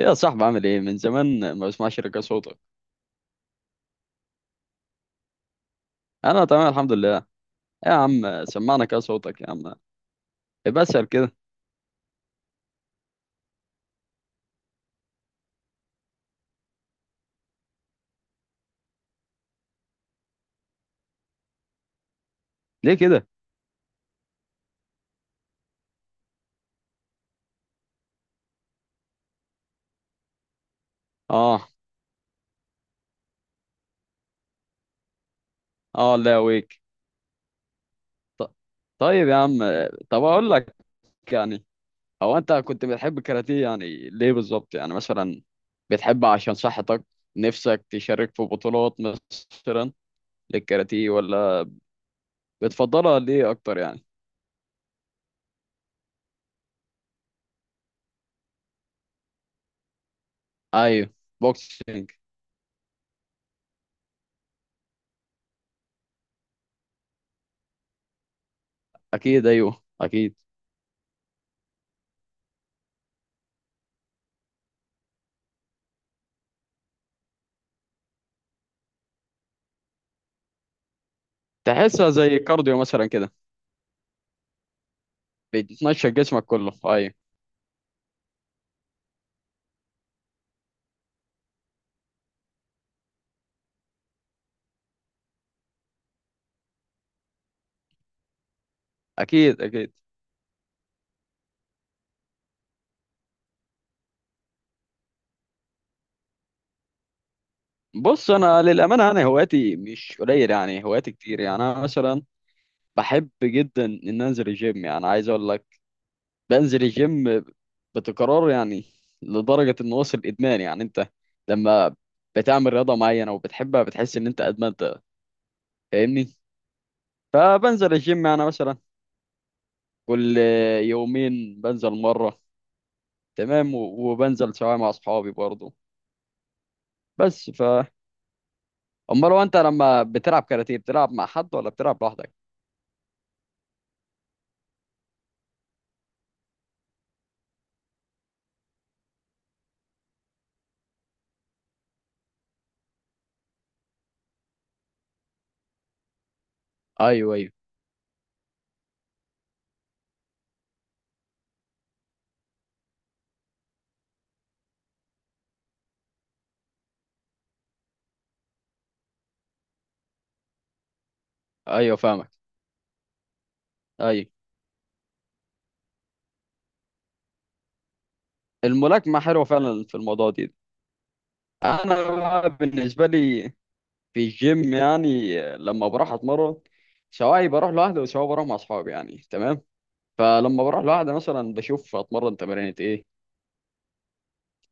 يا صاحبي، عامل ايه؟ من زمان ما بسمعش رجع صوتك. انا تمام، الحمد لله. إيه يا عم؟ سمعنا كده صوتك يا عم. إيه بسأل كده؟ ليه كده؟ اه اه، لا ويك. ط- طيب يا عم، طب اقول لك، يعني، هو انت كنت بتحب الكاراتيه يعني ليه بالظبط يعني؟ مثلا بتحب عشان صحتك؟ نفسك تشارك في بطولات مثلا للكاراتيه، ولا بتفضلها ليه اكتر يعني؟ ايوه، بوكسينج. اكيد ايوه اكيد. تحسها زي كارديو مثلا كده، بتمشى جسمك كله، ايوه. اكيد اكيد. بص، انا للامانه هواياتي مش قليل، يعني هواياتي كتير. يعني انا مثلا بحب جدا ان انزل الجيم، يعني عايز اقول لك بنزل الجيم بتكرار يعني، لدرجه انه وصل ادمان. يعني انت لما بتعمل رياضه معينه وبتحبها بتحس ان انت ادمنتها، فاهمني؟ فبنزل الجيم يعني مثلا كل يومين بنزل مره، تمام. و- وبنزل سواء مع اصحابي برضه. بس، امال هو انت لما بتلعب كاراتيه بتلعب مع حد ولا بتلعب لوحدك؟ ايوه ايوه، ايوه فاهمك. ايوه، الملاكمه حلوه فعلا في الموضوع دي. انا بقى بالنسبه لي في الجيم، يعني لما بروح اتمرن، سواء بروح لوحدي وسواء بروح مع اصحابي يعني، تمام. فلما بروح لوحدي مثلا بشوف اتمرن تمارين ايه،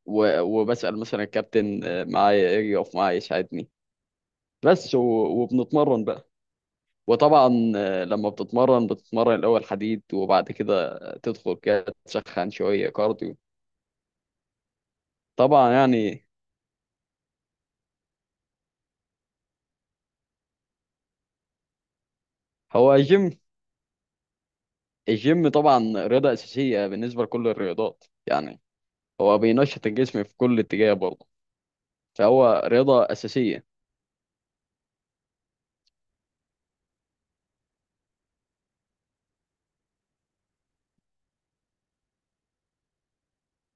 و- وبسال مثلا الكابتن معايا ايه، يقف معايا يساعدني. بس و- وبنتمرن بقى. وطبعا لما بتتمرن بتتمرن الأول حديد، وبعد كده تدخل كده تسخن شوية كارديو. طبعا يعني، هو الجيم الجيم طبعا رياضة أساسية بالنسبة لكل الرياضات يعني، هو بينشط الجسم في كل اتجاه برضه، فهو رياضة أساسية.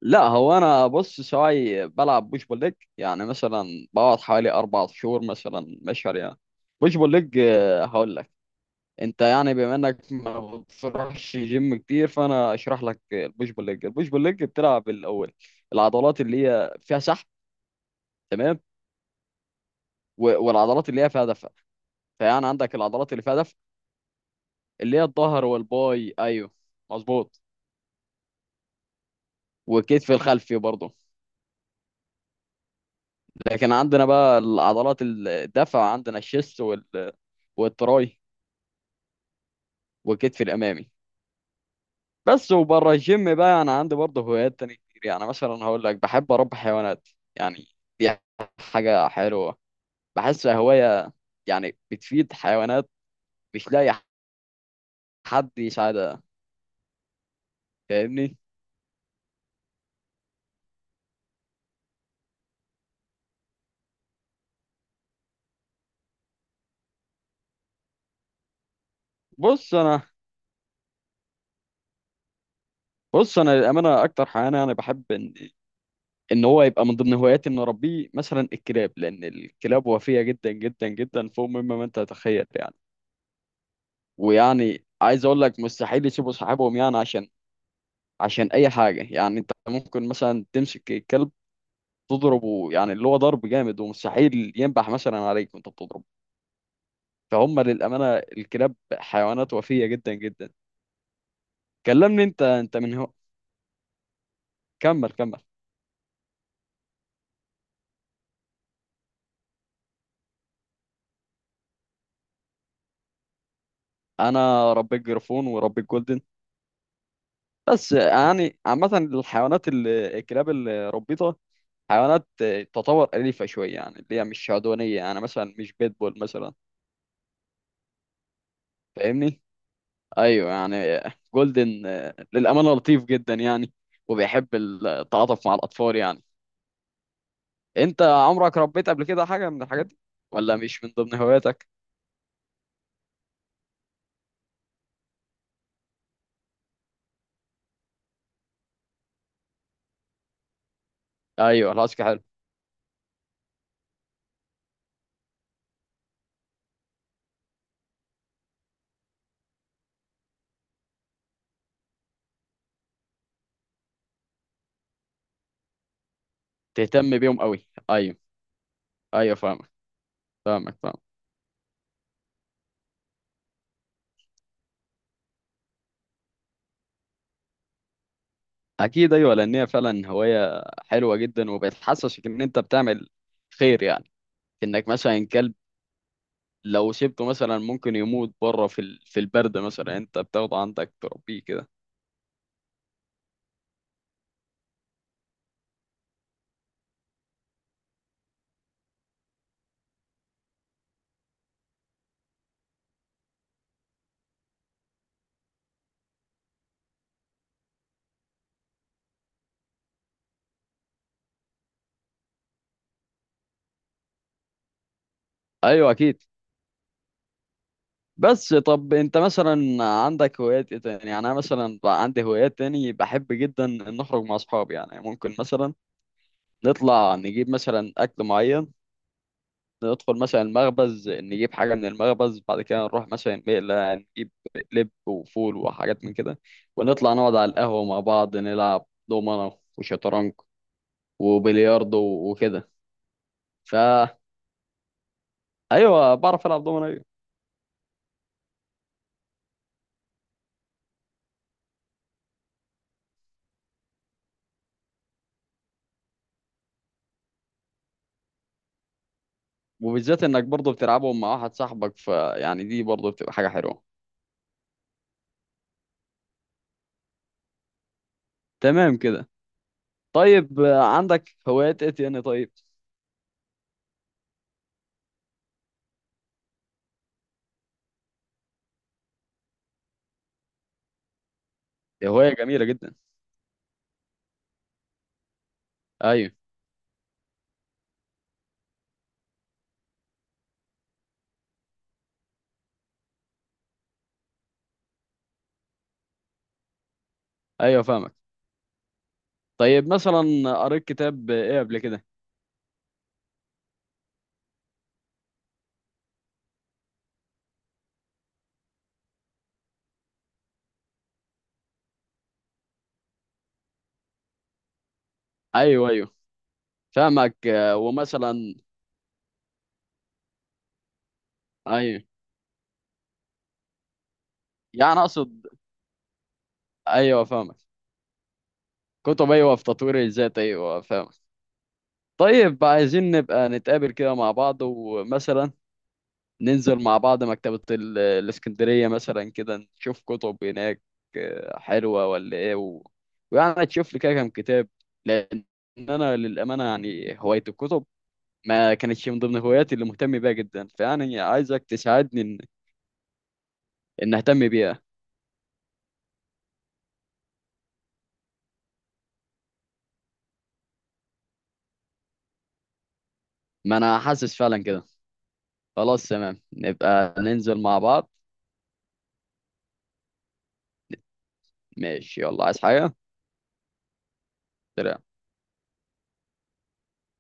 لا، هو أنا بص سواعي بلعب بوش بول ليج، يعني مثلا بقعد حوالي أربع شهور، مثلا مشهر يعني. بوش بول ليج، هقول لك. انت يعني بما انك ما بتروحش جيم كتير، فانا اشرح لك البوش بول ليج. البوش بول ليج بتلعب الاول العضلات اللي هي فيها سحب، تمام. و- والعضلات اللي هي فيها دفع. فيعني عندك العضلات اللي فيها دفع، اللي هي الظهر والباي، ايوه مظبوط. والكتف الخلفي برضه. لكن عندنا بقى العضلات الدفع عندنا الشيست والتراي والكتف الامامي. بس، وبره الجيم بقى انا عندي برضه هوايات تانية كتير، يعني مثلا هقول لك بحب اربي حيوانات، يعني دي حاجة حلوة، بحسها هواية يعني، بتفيد حيوانات مش لاقي حد يساعدها، فاهمني؟ بص انا بص انا للامانه اكتر حيوان انا بحب ان هو يبقى من ضمن هواياتي ان اربيه مثلا الكلاب، لان الكلاب وفيه جدا جدا جدا فوق مما ما انت تتخيل يعني. ويعني عايز اقول لك مستحيل يسيبوا صاحبهم، يعني عشان اي حاجه يعني انت ممكن مثلا تمسك الكلب تضربه، يعني اللي هو ضرب جامد، ومستحيل ينبح مثلا عليك وانت بتضربه. فهم للأمانة الكلاب حيوانات وفية جدا جدا. كلمني انت من هو، كمل كمل. انا ربيت جرفون وربيت جولدن. بس يعني عامة الحيوانات الكلاب اللي ربيتها حيوانات تطور أليفة شوية، يعني اللي هي مش عدوانية يعني، مثلا مش بيتبول مثلا، فاهمني؟ أيوه يعني. جولدن للأمانة لطيف جدا يعني، وبيحب التعاطف مع الأطفال يعني. انت عمرك ربيت قبل كده حاجه من الحاجات دي ولا مش من ضمن هواياتك؟ ايوه، العسكر حلو. تهتم بيهم قوي، ايوه. ايوه فاهمك، فاهمك فاهمك. اكيد ايوه، لان هي فعلا هوايه حلوه جدا، وبتحسسك ان انت بتعمل خير يعني. انك مثلا كلب لو سيبته مثلا ممكن يموت بره في البرد مثلا، انت بتاخده عندك تربيه كده. ايوه اكيد. بس طب انت مثلا عندك هوايات ايه تاني؟ يعني انا مثلا بقى عندي هوايات تاني بحب جدا ان اخرج مع اصحابي، يعني ممكن مثلا نطلع نجيب مثلا أكل معين، ندخل مثلا المخبز نجيب حاجة من المخبز، بعد كده نروح مثلا مقلة نجيب لب وفول وحاجات من كده، ونطلع نقعد على القهوة مع بعض نلعب دومنة وشطرنج وبلياردو وكده. فا أيوة بعرف ألعب دومنة أيوة. وبالذات إنك برضه بتلعبهم مع واحد صاحبك، فيعني دي برضه بتبقى حاجة حلوة. تمام كده. طيب عندك هوايات إيه تاني طيب؟ هواية جميلة جدا. أيوة. أيوة فاهمك. طيب مثلا قريت كتاب إيه قبل كده؟ ايوه ايوه فاهمك. ومثلا ايوه، يعني اقصد، ايوه فاهمك. كتب، ايوه، في تطوير الذات، ايوه فاهمك. طيب بقى عايزين نبقى نتقابل كده مع بعض، ومثلا ننزل مع بعض مكتبة الاسكندرية مثلا كده، نشوف كتب هناك حلوة ولا ايه، ويعني تشوف لي كده كام كتاب. لان انا للامانة يعني هواية الكتب ما كانتش من ضمن هواياتي اللي مهتم بيها جدا، فيعني عايزك تساعدني إن اهتم بيها. ما انا حاسس فعلا كده. خلاص تمام، نبقى ننزل مع بعض. ماشي، يلا. عايز حاجة؟ سلام.